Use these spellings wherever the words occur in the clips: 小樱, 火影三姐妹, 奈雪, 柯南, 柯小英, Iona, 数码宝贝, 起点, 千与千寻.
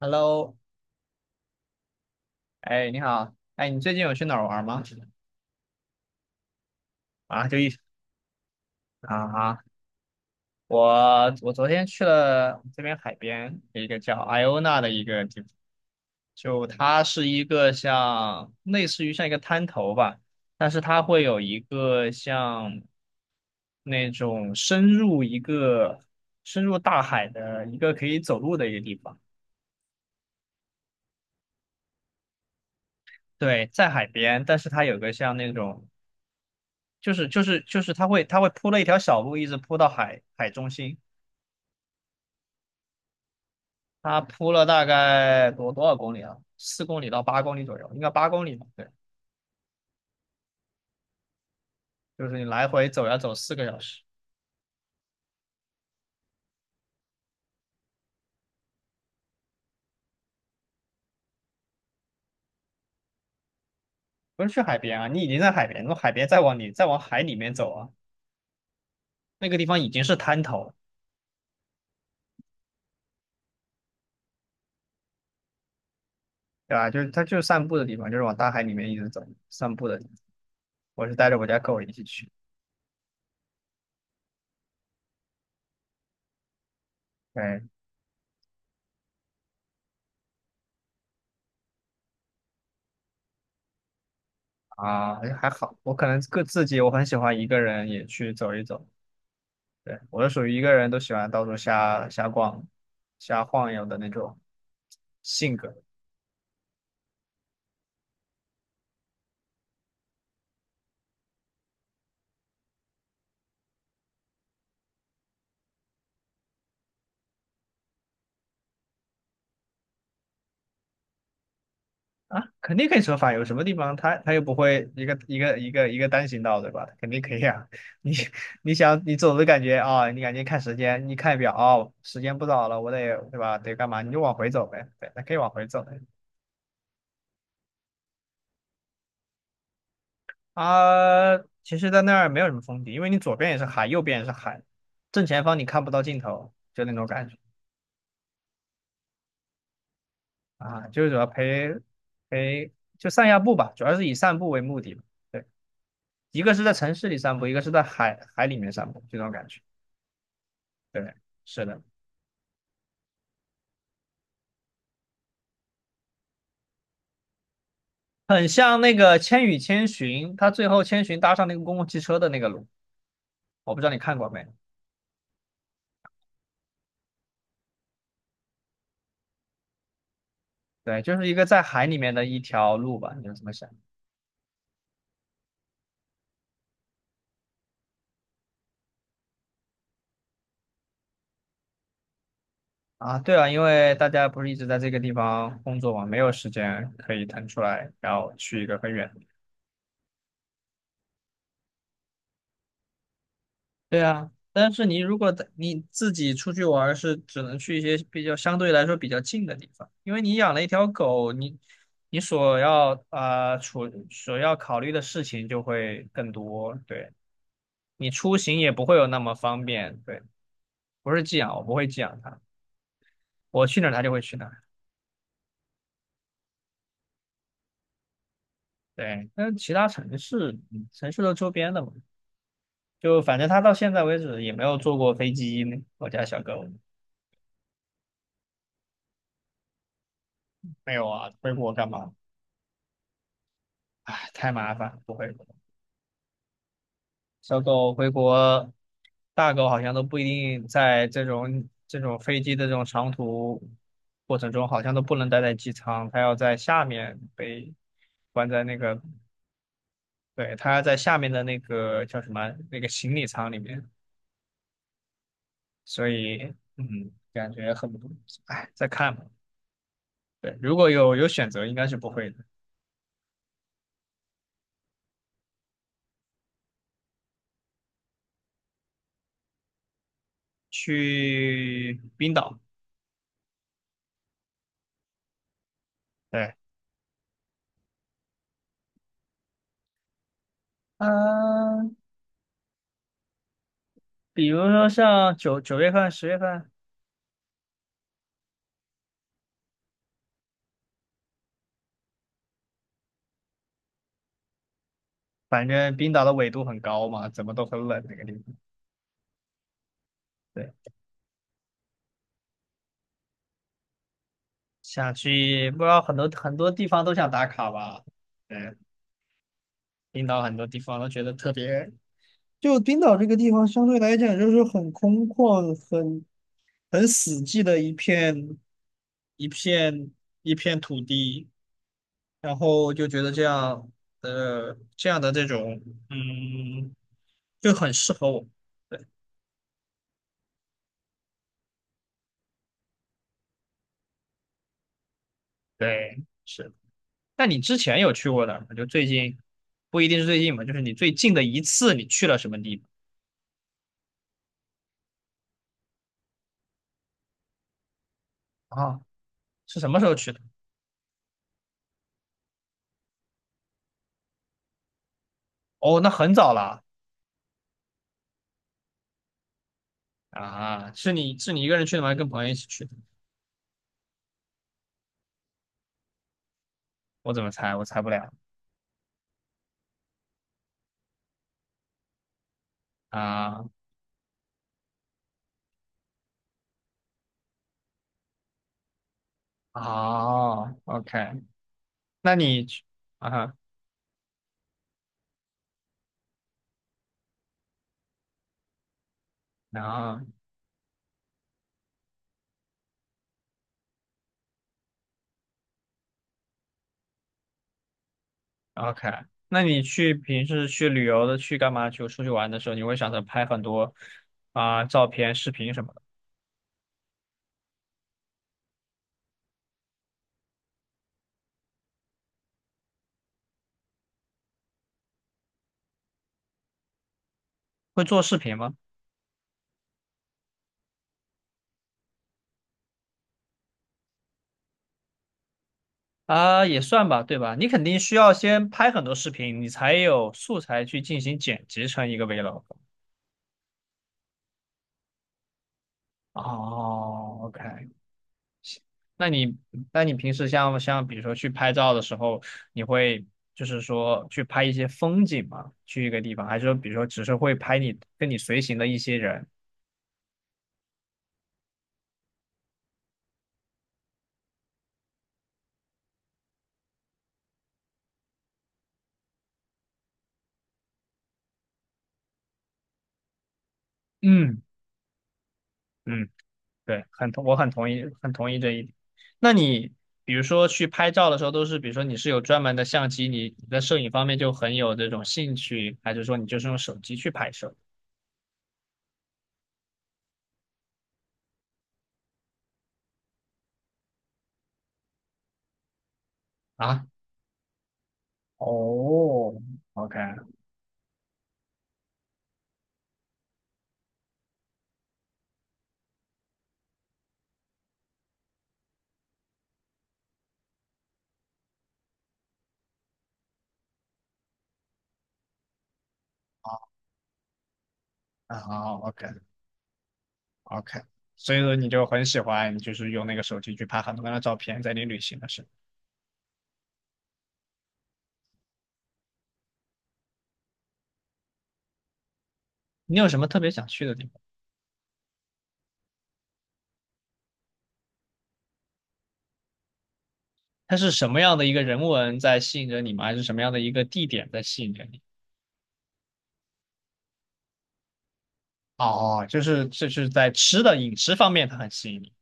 Hello,哎，你好。哎，你最近有去哪儿玩吗？啊，就一啊，啊，我我昨天去了这边海边一个叫 Iona 的一个地方，就它是一个像类似于像一个滩头吧，但是它会有一个像那种深入大海的一个可以走路的一个地方。对，在海边，但是它有个像那种就是它会铺了一条小路，一直铺到海中心。它铺了大概多少公里啊？4公里到八公里左右，应该八公里吧？对，就是你来回走要走4个小时。不是去海边啊，你已经在海边，从海边再往里再往海里面走啊，那个地方已经是滩头了。对吧？就是它就是散步的地方，就是往大海里面一直走散步的地方。我是带着我家狗一起去。对啊，哎还好，我可能个自己我很喜欢一个人也去走一走。对，我是属于一个人都喜欢到处瞎逛、瞎晃悠的那种性格。啊，肯定可以折返，有什么地方它又不会一个一个单行道，对吧？肯定可以啊。你你想你走的感觉啊、你感觉看时间，你看表，哦，时间不早了，我得对吧？得干嘛？你就往回走呗。对，那可以往回走的。啊。其实，在那儿没有什么风景，因为你左边也是海，右边也是海，正前方你看不到尽头，就那种感觉啊。就是主要陪就散下步吧，主要是以散步为目的。对，一个是在城市里散步，一个是在海里面散步，这种感觉。对，是的。很像那个《千与千寻》，他最后千寻搭上那个公共汽车的那个路，我不知道你看过没？对，就是一个在海里面的一条路吧，你是怎么想？啊，对啊，因为大家不是一直在这个地方工作嘛，没有时间可以腾出来，然后去一个很远的。对啊，但是你如果在你自己出去玩儿是只能去一些比较相对来说比较近的地方，因为你养了一条狗，你所要考虑的事情就会更多，对。你出行也不会有那么方便。对，不是寄养，我不会寄养它，我去哪儿它就会去哪儿。对，但其他城市，城市都周边的嘛，就反正它到现在为止也没有坐过飞机呢。我家小狗。没有啊，回国干嘛？唉，太麻烦，不会。小狗回国，大狗好像都不一定在这种飞机的这种长途过程中，好像都不能待在机舱，它要在下面被关在那个。对，它在下面的那个叫什么那个行李舱里面。所以感觉很不，哎，再看吧。对，如果有选择，应该是不会的。去冰岛。对，嗯、比如说像九月份、10月份。反正冰岛的纬度很高嘛，怎么都很冷那个地方。对，想去。不知道很多很多地方都想打卡吧？对，冰岛很多地方都觉得特别。就冰岛这个地方相对来讲就是很空旷，很死寂的一片一片土地，然后就觉得这样的这种嗯就很适合我。对对，是。那你之前有去过的？就最近不一定是最近嘛，就是你最近的一次你去了什么地方啊？是什么时候去的？哦，那很早了。啊！是你一个人去的吗？还是跟朋友一起去的？我怎么猜？我猜不了啊！哦，OK。那你去啊啊，OK，那你去平时去旅游的，去干嘛？去出去玩的时候，你会想着拍很多、照片、视频什么的。会做视频吗？啊，也算吧，对吧？你肯定需要先拍很多视频，你才有素材去进行剪辑成一个 vlog。哦，OK。那你那你平时像比如说去拍照的时候，你会就是说去拍一些风景吗？去一个地方，还是说比如说只是会拍你跟你随行的一些人？嗯嗯。对，我很同意，很同意这一点。那你比如说去拍照的时候，都是比如说你是有专门的相机，你在摄影方面就很有这种兴趣，还是说你就是用手机去拍摄啊？哦，OK。好好，OK，OK，所以说你就很喜欢，就是用那个手机去拍很多张的照片，在你旅行的时候。你有什么特别想去的地方？它是什么样的一个人文在吸引着你吗？还是什么样的一个地点在吸引着你？哦，就是在吃的饮食方面，它很吸引你。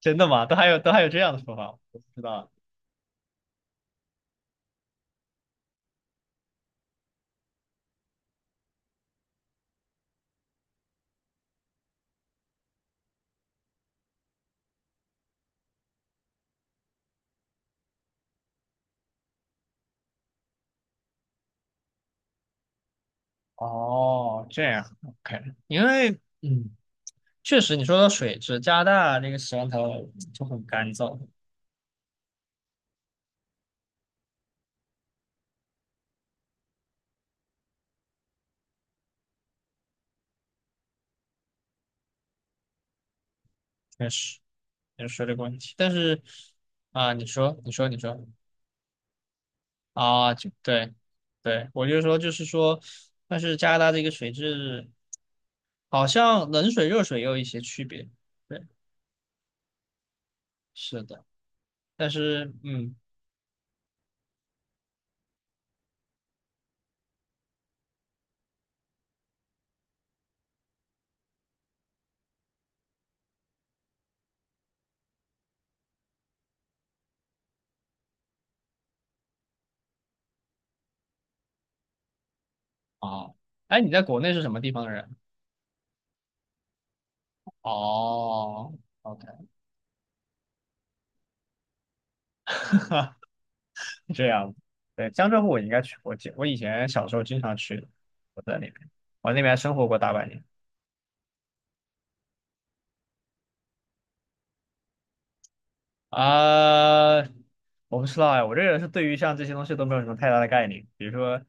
真的吗？都还有这样的说法，我不知道。哦，这样，OK。因为嗯，确实你说的水质，加拿大那个洗完头就很干燥，确实也是水这个问题。但是你说，你说，你说就对，对，我就说，就是说，但是加拿大这个水质好像冷水、热水也有一些区别。对，是的。但是哦，哎，你在国内是什么地方的人？哦，OK。这样。对，江浙沪我应该去过，我以前小时候经常去，我在那边，我在那边还生活过大半年啊、我不知道哎，我这个人是对于像这些东西都没有什么太大的概念，比如说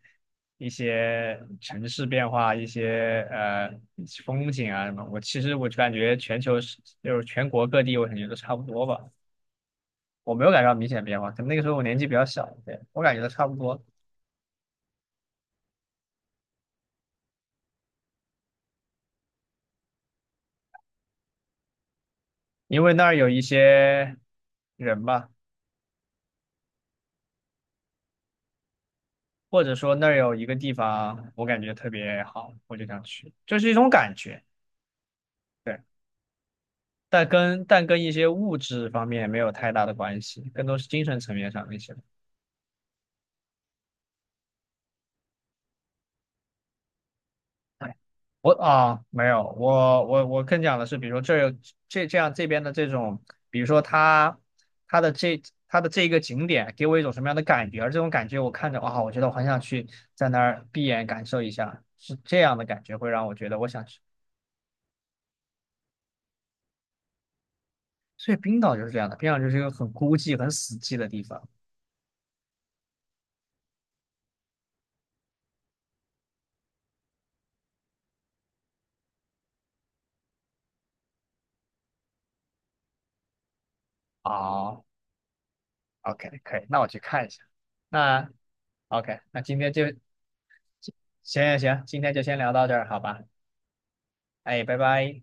一些城市变化、一些风景啊什么，我其实我就感觉全球是就是全国各地，我感觉都差不多吧，我没有感觉到明显的变化，可能那个时候我年纪比较小。对，我感觉都差不多，因为那儿有一些人吧。或者说那儿有一个地方我感觉特别好，我就想去，就是一种感觉。对，但跟一些物质方面没有太大的关系，更多是精神层面上的一些。哎，我啊，没有，我更讲的是，比如说这儿有这样这边的这种，比如说它的这它的这一个景点给我一种什么样的感觉，而这种感觉我看着哇，我觉得我很想去在那儿闭眼感受一下，是这样的感觉会让我觉得我想去。所以冰岛就是这样的，冰岛就是一个很孤寂、很死寂的地方。哦，OK，可以，那我去看一下。那 OK，那今天就行行行，今天就先聊到这儿，好吧？哎，拜拜。